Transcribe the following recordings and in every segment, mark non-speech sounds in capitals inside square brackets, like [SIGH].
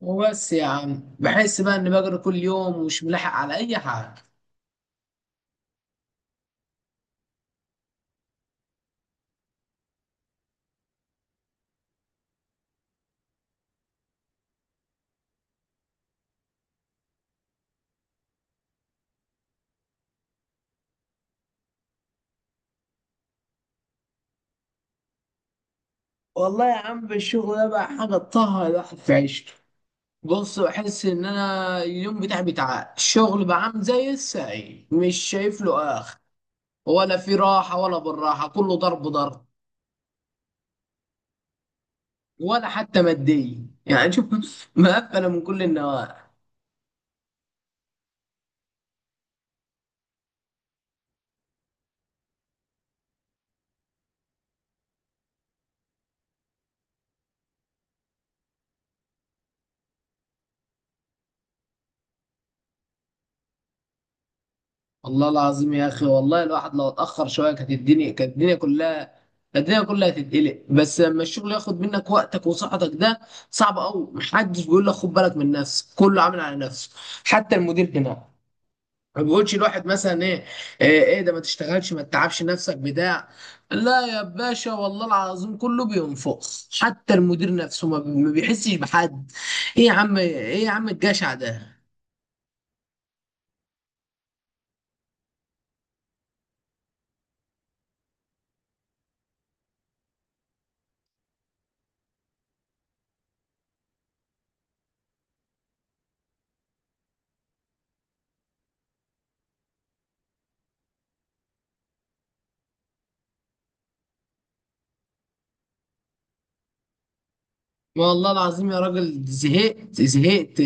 وبس يا عم بحس بقى اني بجري كل يوم ومش ملاحق على اي حاجه. والله يا عم الشغل ده بقى حاجه تطهر الواحد في عيشته. بص، بحس ان انا اليوم بتاعي بتاع الشغل بقى عامل زي السعي، مش شايف له اخر. ولا في راحه ولا بالراحه، كله ضرب ضرب. ولا حتى ماديه، يعني شوف [LAUGHS] مقفله من كل النواحي. والله العظيم يا اخي، والله الواحد لو اتاخر شويه كانت الدنيا كلها كانت الدنيا كلها هتتقلق. بس لما الشغل ياخد منك وقتك وصحتك ده صعب قوي. محدش بيقول لك خد بالك من نفسك، كله عامل على نفسه. حتى المدير هنا ما بيقولش الواحد مثلا ايه، إيه ده، ما تشتغلش، ما تتعبش نفسك بتاع. لا يا باشا، والله العظيم كله بينفخ، حتى المدير نفسه ما بيحسش بحد. ايه يا عم، ايه يا عم الجشع ده. والله العظيم يا راجل، زهقت،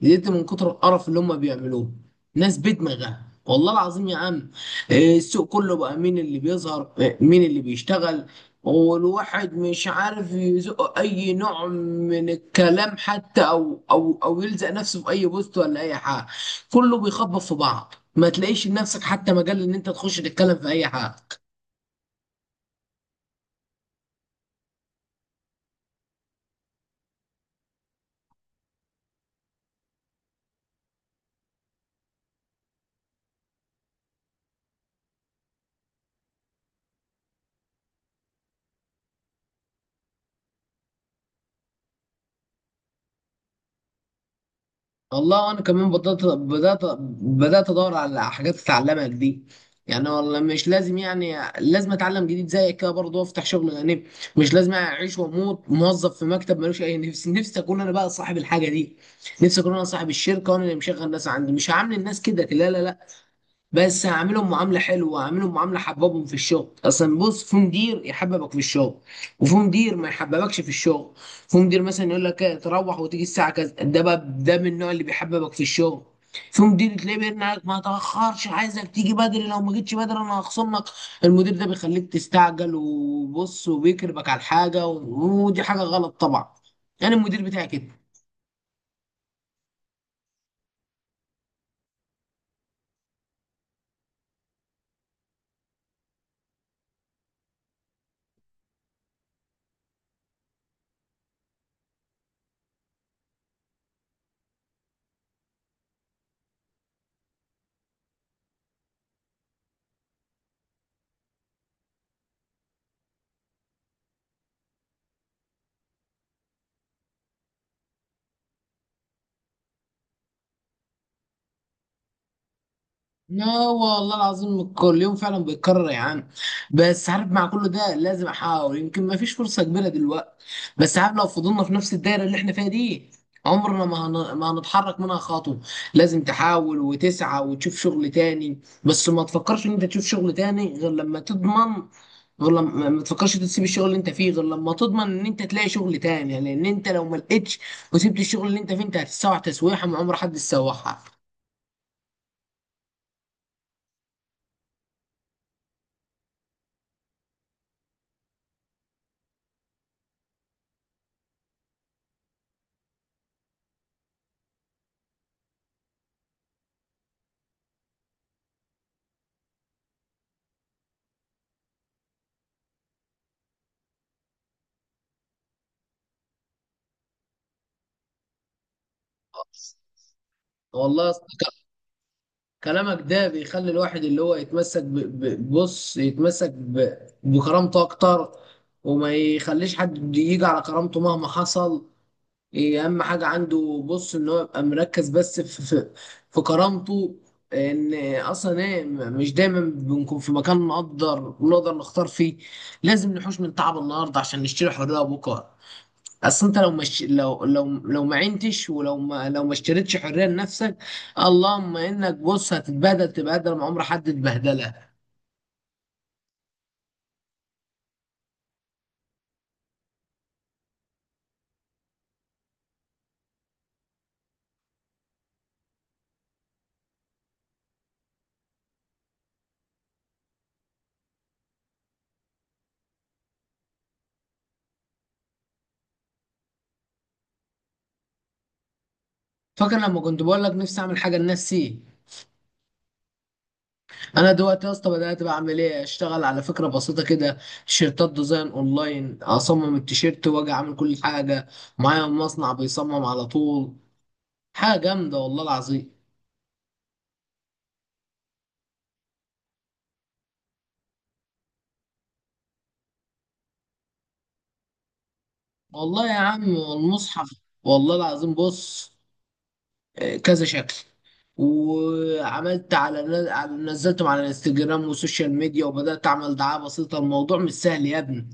زهقت من كتر القرف اللي هم بيعملوه. ناس بدماغها والله العظيم يا عم. إيه، السوق كله بقى مين اللي بيظهر، إيه، مين اللي بيشتغل. والواحد مش عارف يزق اي نوع من الكلام، حتى او يلزق نفسه في اي بوست ولا اي حاجه. كله بيخبط في بعض، ما تلاقيش لنفسك حتى مجال ان انت تخش تتكلم في اي حاجه. والله انا كمان بدات بدات ادور على حاجات اتعلمها جديد. يعني والله مش لازم، يعني لازم اتعلم جديد زيك كده برضه وافتح شغل يعني. مش لازم اعيش واموت موظف في مكتب ملوش اي نفسي، نفسي اكون انا بقى صاحب الحاجه دي. نفسي اكون انا صاحب الشركه وانا اللي مشغل الناس عندي. مش هعامل الناس كده، لا لا لا. بس هعملهم معامله حلوه، هعملهم معامله حببهم في الشغل اصلا. بص، في مدير يحببك في الشغل، وفي مدير ما يحببكش في الشغل. في مدير مثلا يقول لك إيه، تروح وتيجي الساعه كذا، ده بقى ده من النوع اللي بيحببك في الشغل. في مدير تلاقيه بيرن عليك ما تاخرش، عايزك تيجي بدري، لو ما جيتش بدري انا هخصم لك. المدير ده بيخليك تستعجل وبص وبيكربك على الحاجه، ودي حاجه غلط طبعا. انا المدير بتاعي كده. لا والله العظيم كل يوم فعلا بيتكرر يا عم. بس عارف، مع كل ده لازم احاول. يمكن ما فيش فرصه كبيره دلوقتي، بس عارف لو فضلنا في نفس الدايره اللي احنا فيها دي عمرنا ما هن... ما هنتحرك منها خطوه. لازم تحاول وتسعى وتشوف شغل تاني، بس ما تفكرش ان انت تشوف شغل تاني غير لما تضمن. غير لما ما تفكرش تسيب الشغل اللي انت فيه غير لما تضمن ان انت تلاقي شغل تاني، لان انت لو ما لقيتش وسبت الشغل اللي انت فيه انت هتتسوح تسويحه ما عمر حد يسوحها. والله كلامك ده بيخلي الواحد اللي هو يتمسك بص، يتمسك بكرامته اكتر، وما يخليش حد يجي على كرامته مهما حصل. إيه اهم حاجة عنده، بص، ان هو يبقى مركز بس في كرامته. ان اصلا ايه، مش دايما بنكون في مكان نقدر، نختار فيه. لازم نحوش من تعب النهارده عشان نشتري حرية بكره. اصل انت لو مش، لو ما عينتش، ولو ما لو ما اشتريتش حريه لنفسك، اللهم انك بص هتتبهدل تبهدل ما عمر حد اتبهدلها. فاكر لما كنت بقول لك نفسي اعمل حاجه لنفسي؟ انا دلوقتي يا اسطى بدات بعمل ايه، اشتغل على فكره بسيطه كده، تيشيرتات ديزاين اونلاين، اصمم التيشيرت واجي اعمل كل حاجه. معايا مصنع بيصمم على طول، حاجه جامده والله العظيم. والله يا عم والمصحف، والله العظيم. بص، آه، كذا شكل، وعملت على نزلتهم على الانستجرام والسوشيال ميديا، وبدأت أعمل دعاية بسيطة. الموضوع مش سهل يا ابني.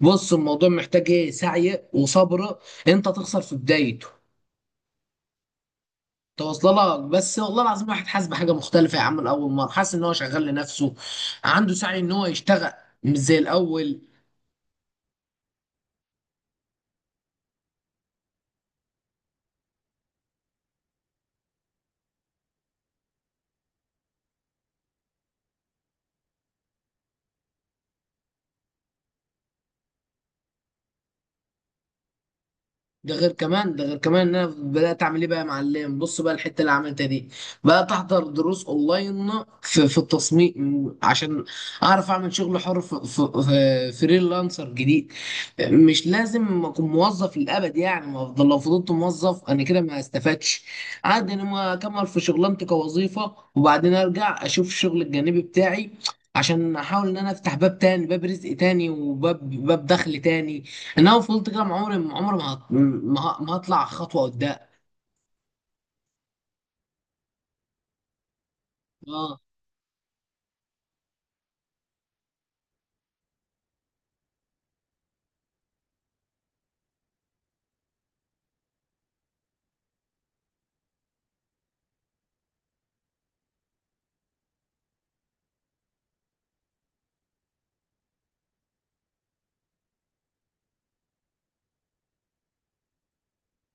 بص، الموضوع محتاج ايه، سعي وصبر. انت تخسر في بدايته توصل لك، بس والله العظيم واحد حاسس بحاجة مختلفة يا عم. الأول مرة حاسس إن هو شغال لنفسه، عنده سعي إن هو يشتغل، مش زي الأول. ده غير كمان، ده غير كمان ان انا بدات اعمل ايه بقى يا معلم. بص بقى، الحته اللي عملتها دي، بقى احضر دروس اونلاين في في التصميم عشان اعرف اعمل شغل حر في فريلانسر جديد. مش لازم اكون موظف للابد يعني. ما افضل، لو فضلت موظف انا كده ما استفدتش. عادي انا ما اكمل في شغلانتي كوظيفه وبعدين ارجع اشوف الشغل الجانبي بتاعي، عشان احاول ان انا افتح باب تاني، باب رزق تاني، باب دخل تاني. ان انا فضلت كده، مع عمري، عمري ما هط- ما ما هطلع خطوه قدام. اه،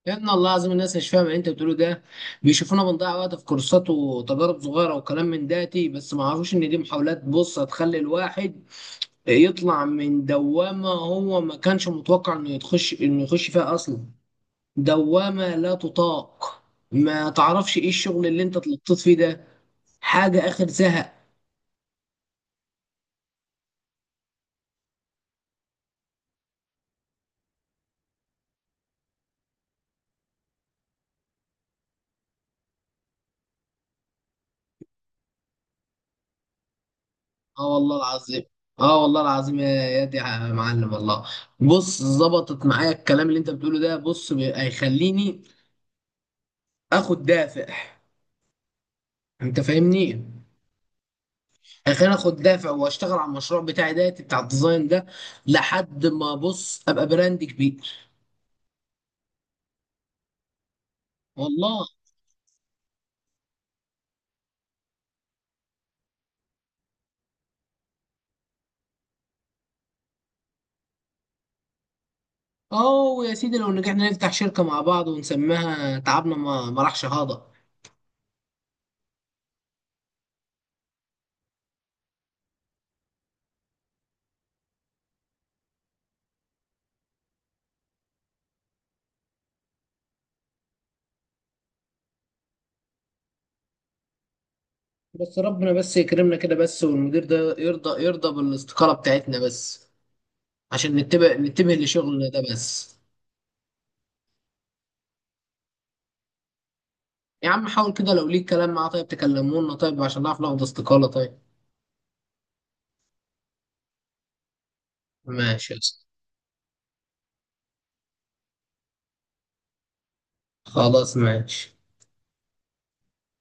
يا ابن الله العظيم الناس مش فاهمه اللي انت بتقوله ده. بيشوفونا بنضيع وقت في كورسات وتجارب صغيره وكلام من داتي، بس ما عرفوش ان دي محاولات بص هتخلي الواحد يطلع من دوامه هو ما كانش متوقع انه يخش، فيها اصلا. دوامه لا تطاق، ما تعرفش ايه الشغل اللي انت اتلطيت فيه ده، حاجه اخر زهق. اه والله العظيم. اه والله العظيم، يا دي يا معلم، والله بص ظبطت معايا الكلام اللي انت بتقوله ده. بص هيخليني اخد دافع. انت فاهمني؟ هيخليني اخد دافع واشتغل على المشروع بتاعي ده بتاع الديزاين ده، لحد ما بص ابقى براند كبير. والله اه يا سيدي، لو نجحنا نفتح شركة مع بعض ونسميها تعبنا ما راحش هذا. بس ربنا بس يكرمنا كده بس، والمدير ده يرضى، يرضى بالاستقالة بتاعتنا بس، عشان نتبه، نتبه لشغل ده بس. يا عم حاول كده، لو ليك كلام معاه طيب تكلمونا طيب، عشان نعرف ناخد استقالة طيب. ماشي يا اسطى. خلاص ماشي.